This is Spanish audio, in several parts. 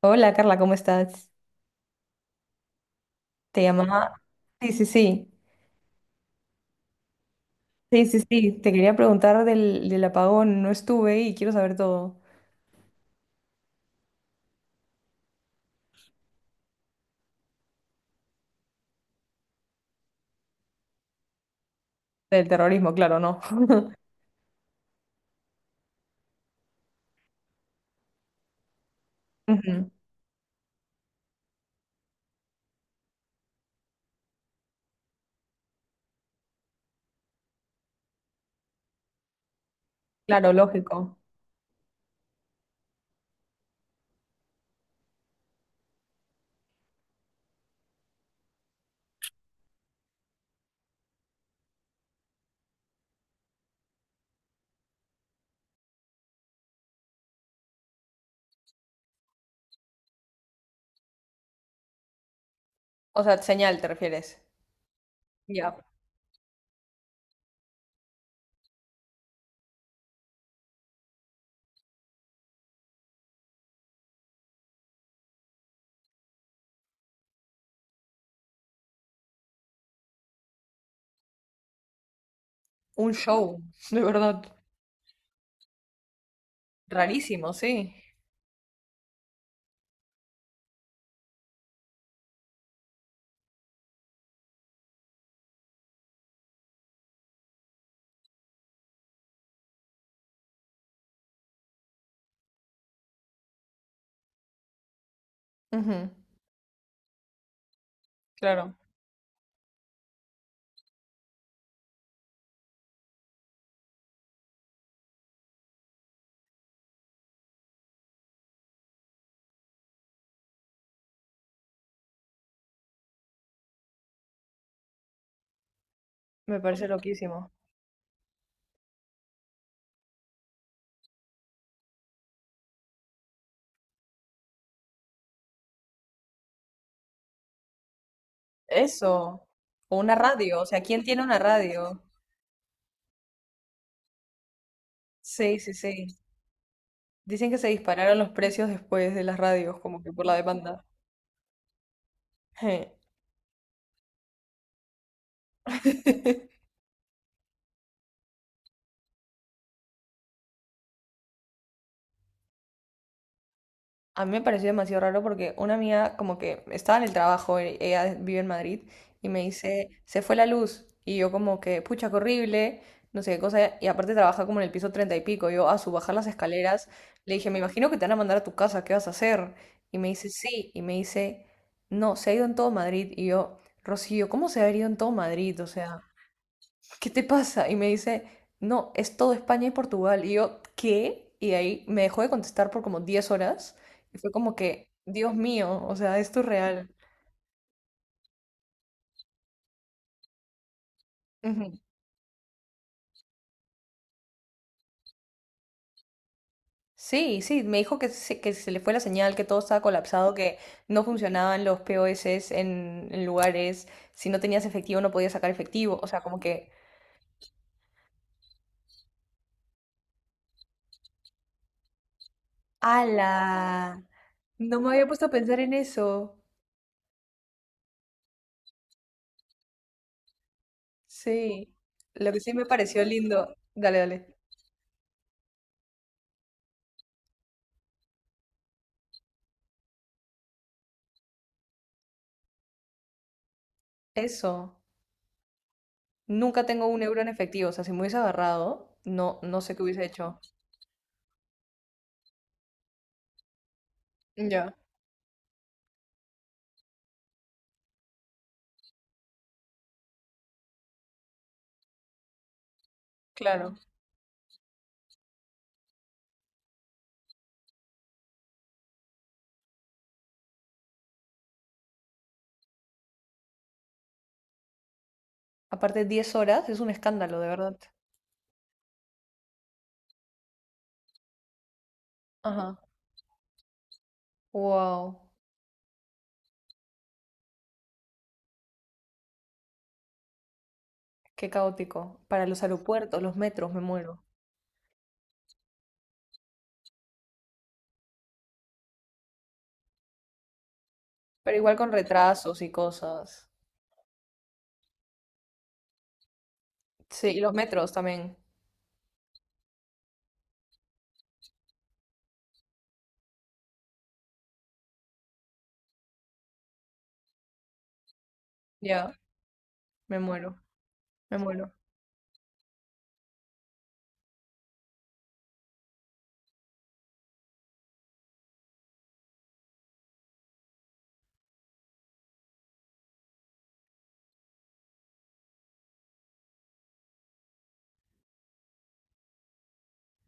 Hola Carla, ¿cómo estás? Te llamaba. Sí, sí, sí. Sí, sí, sí. Te quería preguntar del apagón. No estuve y quiero saber todo. Del terrorismo, claro, no. Ujú. Claro, lógico. O sea, señal, ¿te refieres? Ya. Un show, de verdad. Rarísimo, sí. Ujú, claro, me parece loquísimo. Eso. O una radio. O sea, ¿quién tiene una radio? Sí, sí, sí. Dicen que se dispararon los precios después de las radios, como que por la demanda. Je. A mí me pareció demasiado raro porque una amiga como que estaba en el trabajo, ella vive en Madrid, y me dice, se fue la luz. Y yo como que, pucha, qué horrible, no sé qué cosa. Y aparte trabaja como en el piso 30 y pico. Yo a su bajar las escaleras le dije, me imagino que te van a mandar a tu casa, ¿qué vas a hacer? Y me dice, sí. Y me dice, no, se ha ido en todo Madrid. Y yo, Rocío, ¿cómo se ha ido en todo Madrid? O sea... ¿qué te pasa? Y me dice, no, es todo España y Portugal. Y yo, ¿qué? Y ahí me dejó de contestar por como 10 horas. Y fue como que, Dios mío, o sea, esto es real. Ujú. Sí, sí, me dijo que se le fue la señal, que todo estaba colapsado, que no funcionaban los POS en lugares, si no tenías efectivo no podías sacar efectivo, o sea, como que, ¡ala! No me había puesto a pensar en eso. Sí, lo que sí me pareció lindo. Dale, dale. Eso. Nunca tengo un euro en efectivo, o sea, si me hubiese agarrado, no, no sé qué hubiese hecho. Ya, claro. Aparte, 10 horas es un escándalo, de verdad. Ajá. Wow, qué caótico. Para los aeropuertos, los metros, me muero. Pero igual con retrasos y cosas. Sí, y los metros también. Ya. Me muero, me muero,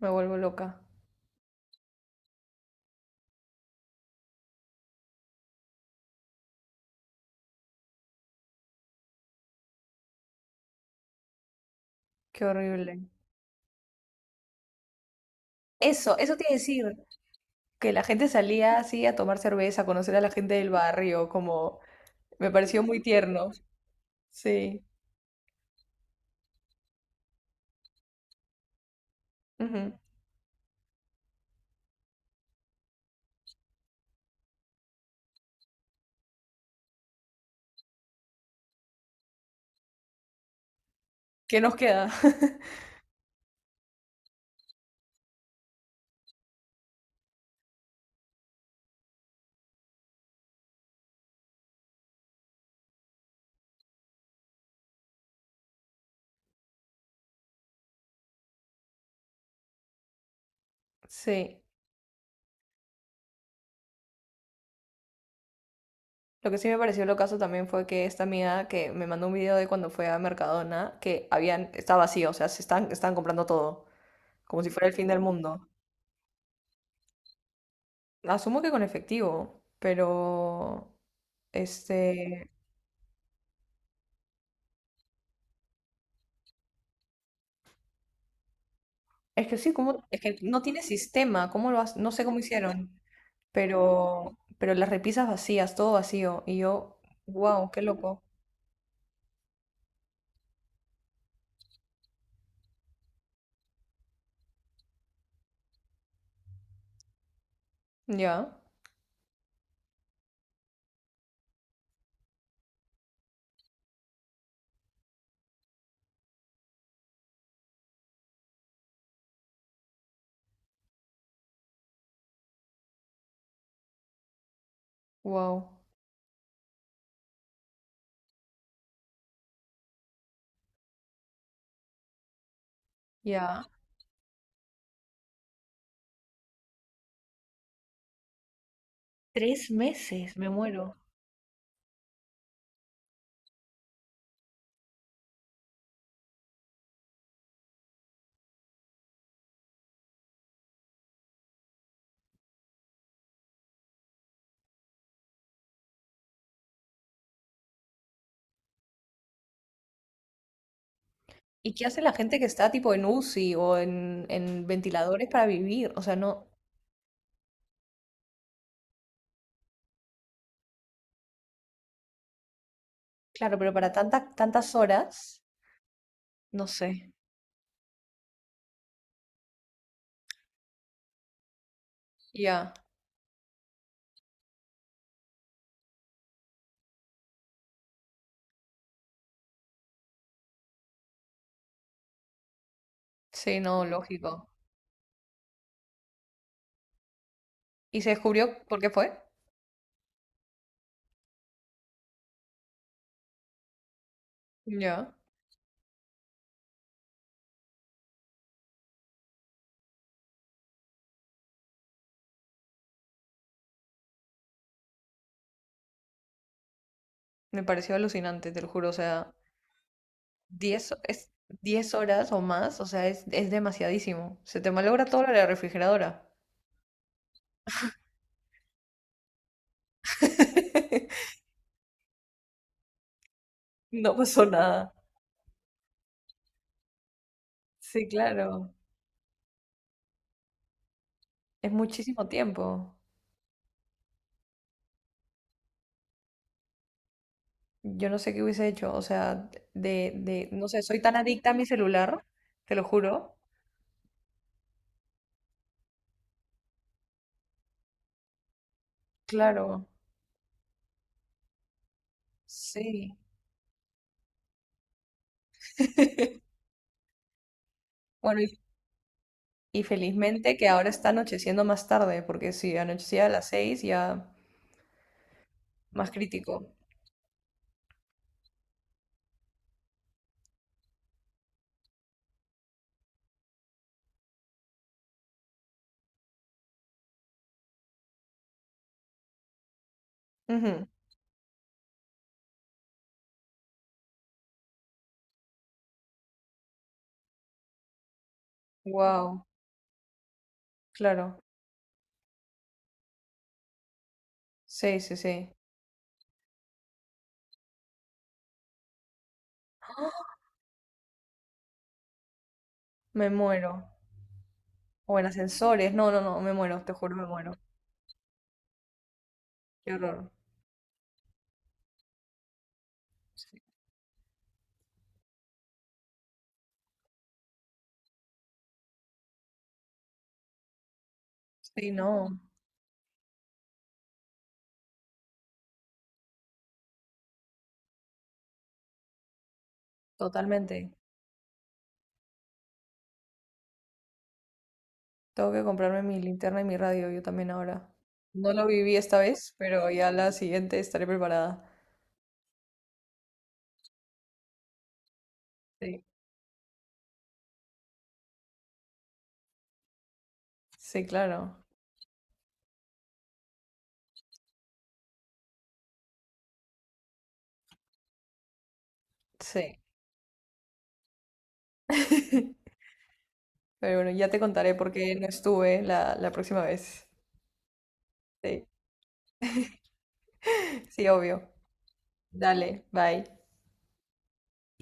me vuelvo loca. Qué horrible. Eso tiene que decir que la gente salía así a tomar cerveza, a conocer a la gente del barrio, como me pareció muy tierno. Sí. Ujú. ¿Qué nos queda? Sí. Lo que sí me pareció lo caso también fue que esta amiga que me mandó un video de cuando fue a Mercadona, que habían, está vacío, o sea, se están comprando todo, como si fuera el fin del mundo. Asumo que con efectivo, pero este, es que sí, como, es que no tiene sistema, no sé cómo hicieron, pero las repisas vacías, todo vacío, y yo, wow, qué loco. Ya, wow, ya. 3 meses, me muero. ¿Y qué hace la gente que está tipo en UCI o en ventiladores para vivir? O sea, no, claro, pero para tantas tantas horas, no sé. Ya, sí, no, lógico. ¿Y se descubrió por qué fue? Ya, me pareció alucinante, te lo juro. O sea, 10, es 10 horas o más, o sea, es demasiadísimo. Se te malogra todo lo de la refrigeradora. No pasó nada. Sí, claro. Es muchísimo tiempo. Yo no sé qué hubiese hecho, o sea, no sé, soy tan adicta a mi celular, te lo juro. Claro, sí. Bueno, y felizmente que ahora está anocheciendo más tarde, porque si anochecía a las 6 ya más crítico. Wow, claro. Sí, sí, sí. Me muero. O en ascensores, no, no, no, me muero, te juro, me muero. Qué horror. Sí, sí, no, totalmente. Tengo que comprarme mi linterna y mi radio yo también ahora. No lo viví esta vez, pero ya la siguiente estaré preparada. Sí, sí, claro. Sí. Pero bueno, ya te contaré por qué no estuve la próxima vez. Sí, sí, obvio. Dale, bye.